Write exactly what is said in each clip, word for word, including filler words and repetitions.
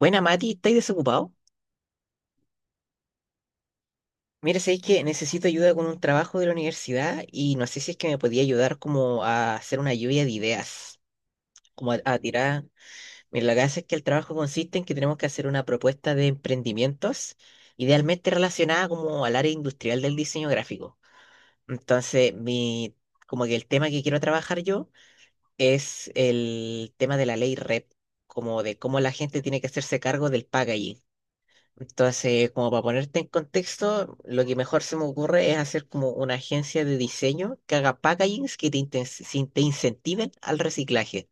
Buena, Mati, ¿estáis desocupado? Mira, sabéis que necesito ayuda con un trabajo de la universidad y no sé si es que me podía ayudar como a hacer una lluvia de ideas, como a, a tirar. Mira, lo que hace es que el trabajo consiste en que tenemos que hacer una propuesta de emprendimientos, idealmente relacionada como al área industrial del diseño gráfico. Entonces, mi, como que el tema que quiero trabajar yo es el tema de la ley REP, como de cómo la gente tiene que hacerse cargo del packaging. Entonces, como para ponerte en contexto, lo que mejor se me ocurre es hacer como una agencia de diseño que haga packagings que te, inten- sin- te incentiven al reciclaje.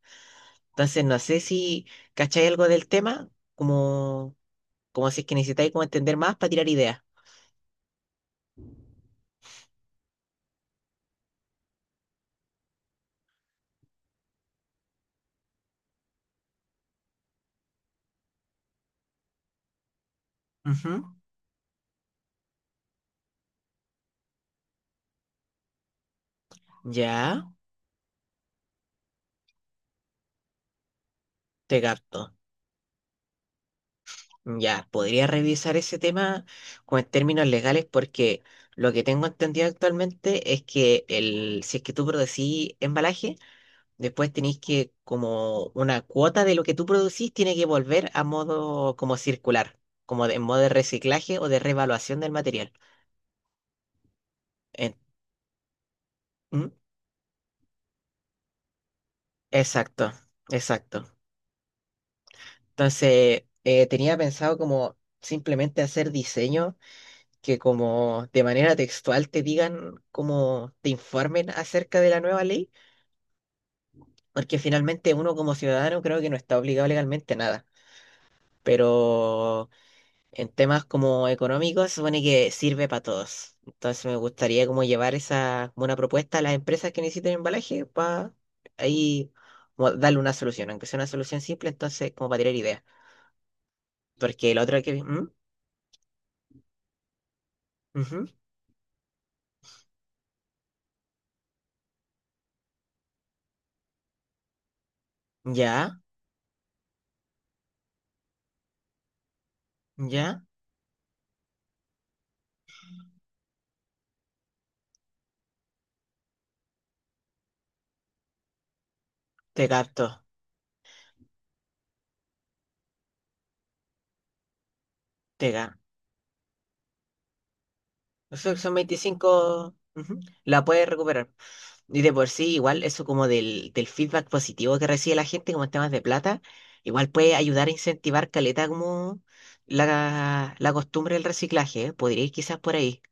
Entonces, no sé si cacháis algo del tema, como, como si es que necesitáis como entender más para tirar ideas. Ujú. Ya, te capto. Ya, podría revisar ese tema con términos legales porque lo que tengo entendido actualmente es que el, si es que tú producís embalaje, después tenéis que, como una cuota de lo que tú producís, tiene que volver a modo como circular, como de, en modo de reciclaje o de revaluación del material. En- ¿Mm? Exacto, exacto. Entonces, eh, tenía pensado como simplemente hacer diseño que como de manera textual te digan, como te informen acerca de la nueva ley, porque finalmente uno como ciudadano creo que no está obligado legalmente a nada. Pero en temas como económicos, se supone que sirve para todos. Entonces me gustaría como llevar esa, como una propuesta a las empresas que necesiten embalaje para ahí como darle una solución, aunque sea una solución simple, entonces como para tirar ideas. Porque el otro que vi, ¿Mm? Ujú. Ya, ya, te capto. te ga- Eso son veinticinco, ujú. La puedes recuperar. Y de por sí, igual eso como del, del feedback positivo que recibe la gente como en temas de plata, igual puede ayudar a incentivar caleta como la, la costumbre del reciclaje, ¿eh? Podría ir quizás por ahí.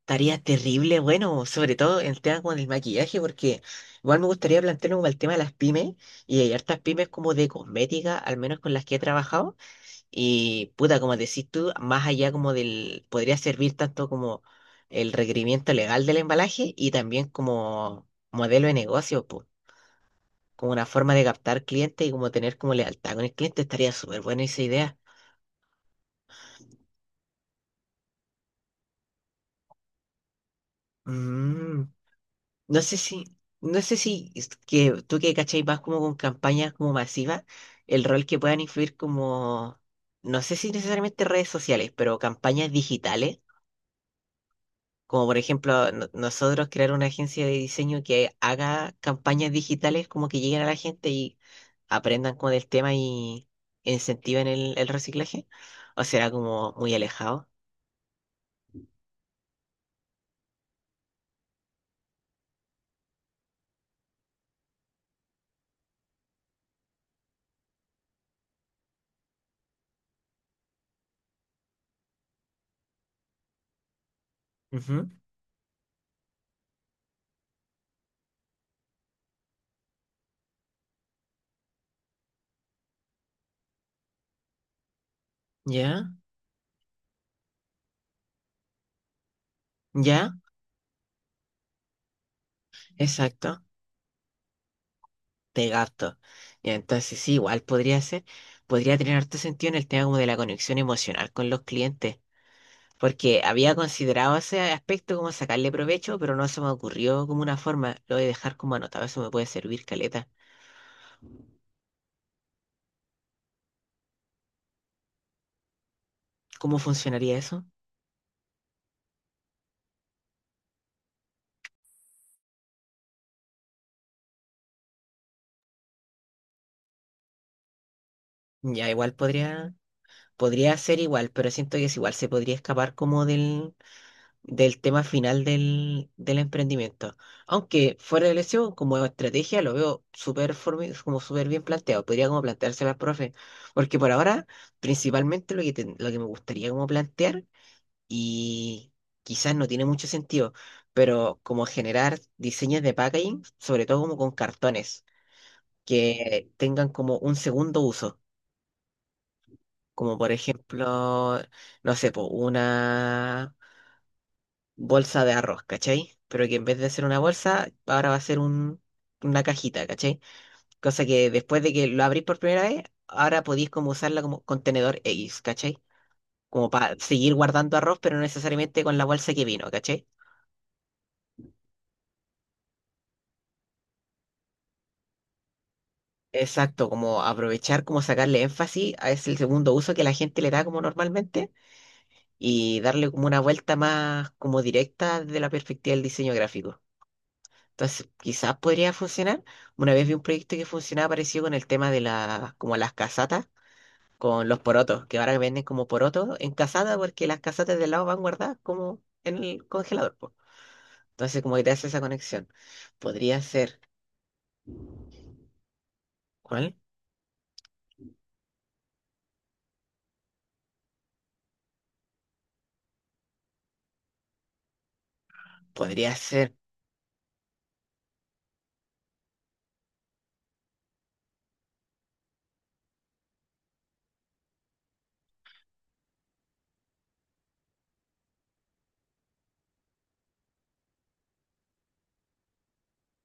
Estaría terrible, bueno, sobre todo en temas como del maquillaje, porque igual me gustaría plantearme como el tema de las pymes, y hay hartas pymes como de cosmética, al menos con las que he trabajado. Y puta, como decís tú, más allá como del, podría servir tanto como el requerimiento legal del embalaje y también como modelo de negocio, po, como una forma de captar clientes y como tener como lealtad con el cliente, estaría súper buena esa idea. Mm, no sé si, no sé si es que tú que cachai más como con campañas como masivas, el rol que puedan influir como, no sé si necesariamente redes sociales, pero campañas digitales. Como por ejemplo, no- nosotros crear una agencia de diseño que haga campañas digitales como que lleguen a la gente y aprendan con el tema y incentiven el, el reciclaje. O será como muy alejado. Ujú, ya, ya, exacto. Te gasto. Y entonces sí, igual podría ser, podría tener harto sentido en el tema como de la conexión emocional con los clientes. Porque había considerado ese aspecto como sacarle provecho, pero no se me ocurrió como una forma. Lo voy a dejar como anotado, eso me puede servir, caleta. ¿Cómo funcionaría eso? Ya igual podría, podría ser igual, pero siento que es igual, se podría escapar como del, del tema final del, del emprendimiento. Aunque fuera de lección, como estrategia lo veo súper formi- como súper bien planteado. Podría como planteárselo al profe. Porque por ahora, principalmente lo que, ten- lo que me gustaría como plantear, y quizás no tiene mucho sentido, pero como generar diseños de packaging, sobre todo como con cartones, que tengan como un segundo uso. Como por ejemplo, no sé, po, una bolsa de arroz, ¿cachai? Pero que en vez de ser una bolsa, ahora va a ser un, una cajita, ¿cachai? Cosa que después de que lo abrís por primera vez, ahora podéis como usarla como contenedor X, ¿cachai? Como para seguir guardando arroz, pero no necesariamente con la bolsa que vino, ¿cachai? Exacto, como aprovechar, como sacarle énfasis a ese segundo uso que la gente le da como normalmente y darle como una vuelta más como directa desde la perspectiva del diseño gráfico. Entonces, quizás podría funcionar. Una vez vi un proyecto que funcionaba parecido con el tema de la, como las casatas con los porotos, que ahora venden como porotos en casata porque las casatas del lado van guardadas como en el congelador, po. Entonces, como que te hace esa conexión. Podría ser, ¿cuál? Podría ser.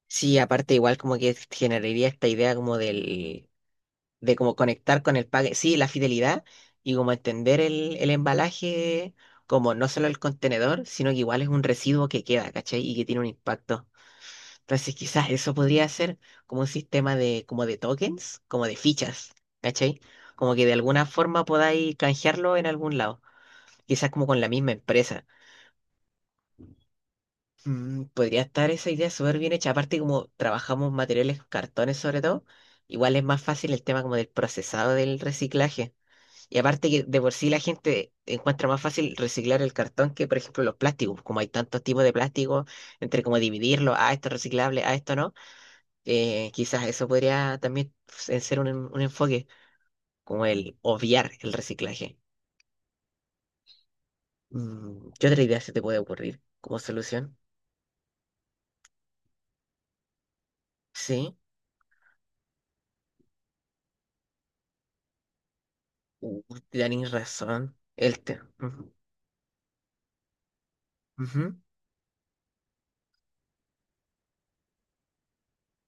Sí, aparte igual como que generaría esta idea como del de como conectar con el pague, sí, la fidelidad y como entender el, el embalaje como no solo el contenedor, sino que igual es un residuo que queda, ¿cachai? Y que tiene un impacto. Entonces quizás eso podría ser como un sistema de, como de tokens, como de fichas, ¿cachai? Como que de alguna forma podáis canjearlo en algún lado, quizás como con la misma empresa. Mm, podría estar esa idea súper bien hecha, aparte como trabajamos materiales, cartones sobre todo, igual es más fácil el tema como del procesado del reciclaje. Y aparte que de por sí la gente encuentra más fácil reciclar el cartón que, por ejemplo, los plásticos. Como hay tantos tipos de plástico, entre como dividirlo, ah, esto es reciclable, ah, esto no, eh, quizás eso podría también se- ser un, un enfoque, como el obviar el reciclaje. Mm, ¿Qué otra idea se te puede ocurrir como solución? Sí, uh, tenés razón. El te, ujú, ujú.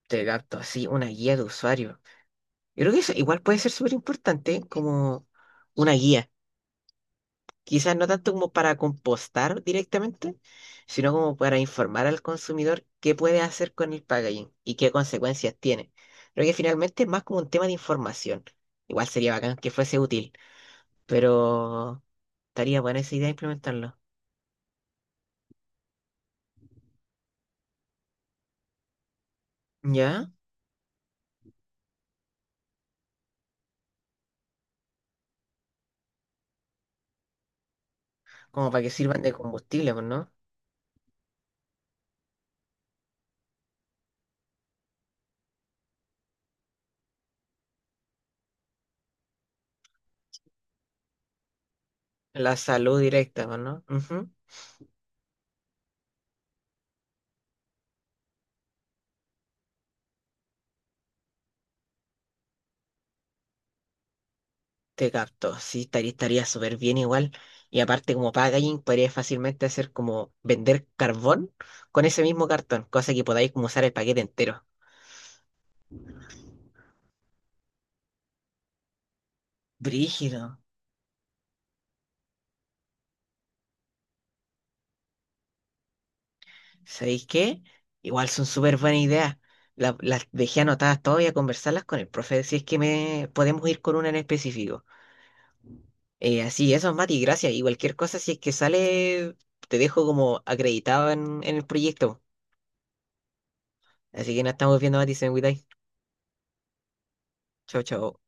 Te capto, así una guía de usuario. Yo creo que eso igual puede ser súper importante como una guía. Quizás no tanto como para compostar directamente, sino como para informar al consumidor qué puede hacer con el packaging y qué consecuencias tiene. Creo que finalmente es más como un tema de información. Igual sería bacán que fuese útil, pero estaría buena esa idea implementarlo. ¿Ya? Como para que sirvan de combustible, pues, ¿no? La salud directa, pues, ¿no? Ujú. Te capto, sí, estaría, estaría súper bien igual. Y aparte, como packaging, podría fácilmente hacer como vender carbón con ese mismo cartón, cosa que podáis como usar el paquete entero. Brígido. ¿Sabéis qué? Igual son súper buenas ideas. La- las dejé anotadas todas y a conversarlas con el profe si es que me podemos ir con una en específico. Eh, así, eso, Mati, gracias. Y cualquier cosa, si es que sale, te dejo como acreditado en, en el proyecto. Así que nos estamos viendo, Mati, se me cuidáis. Chao, chao.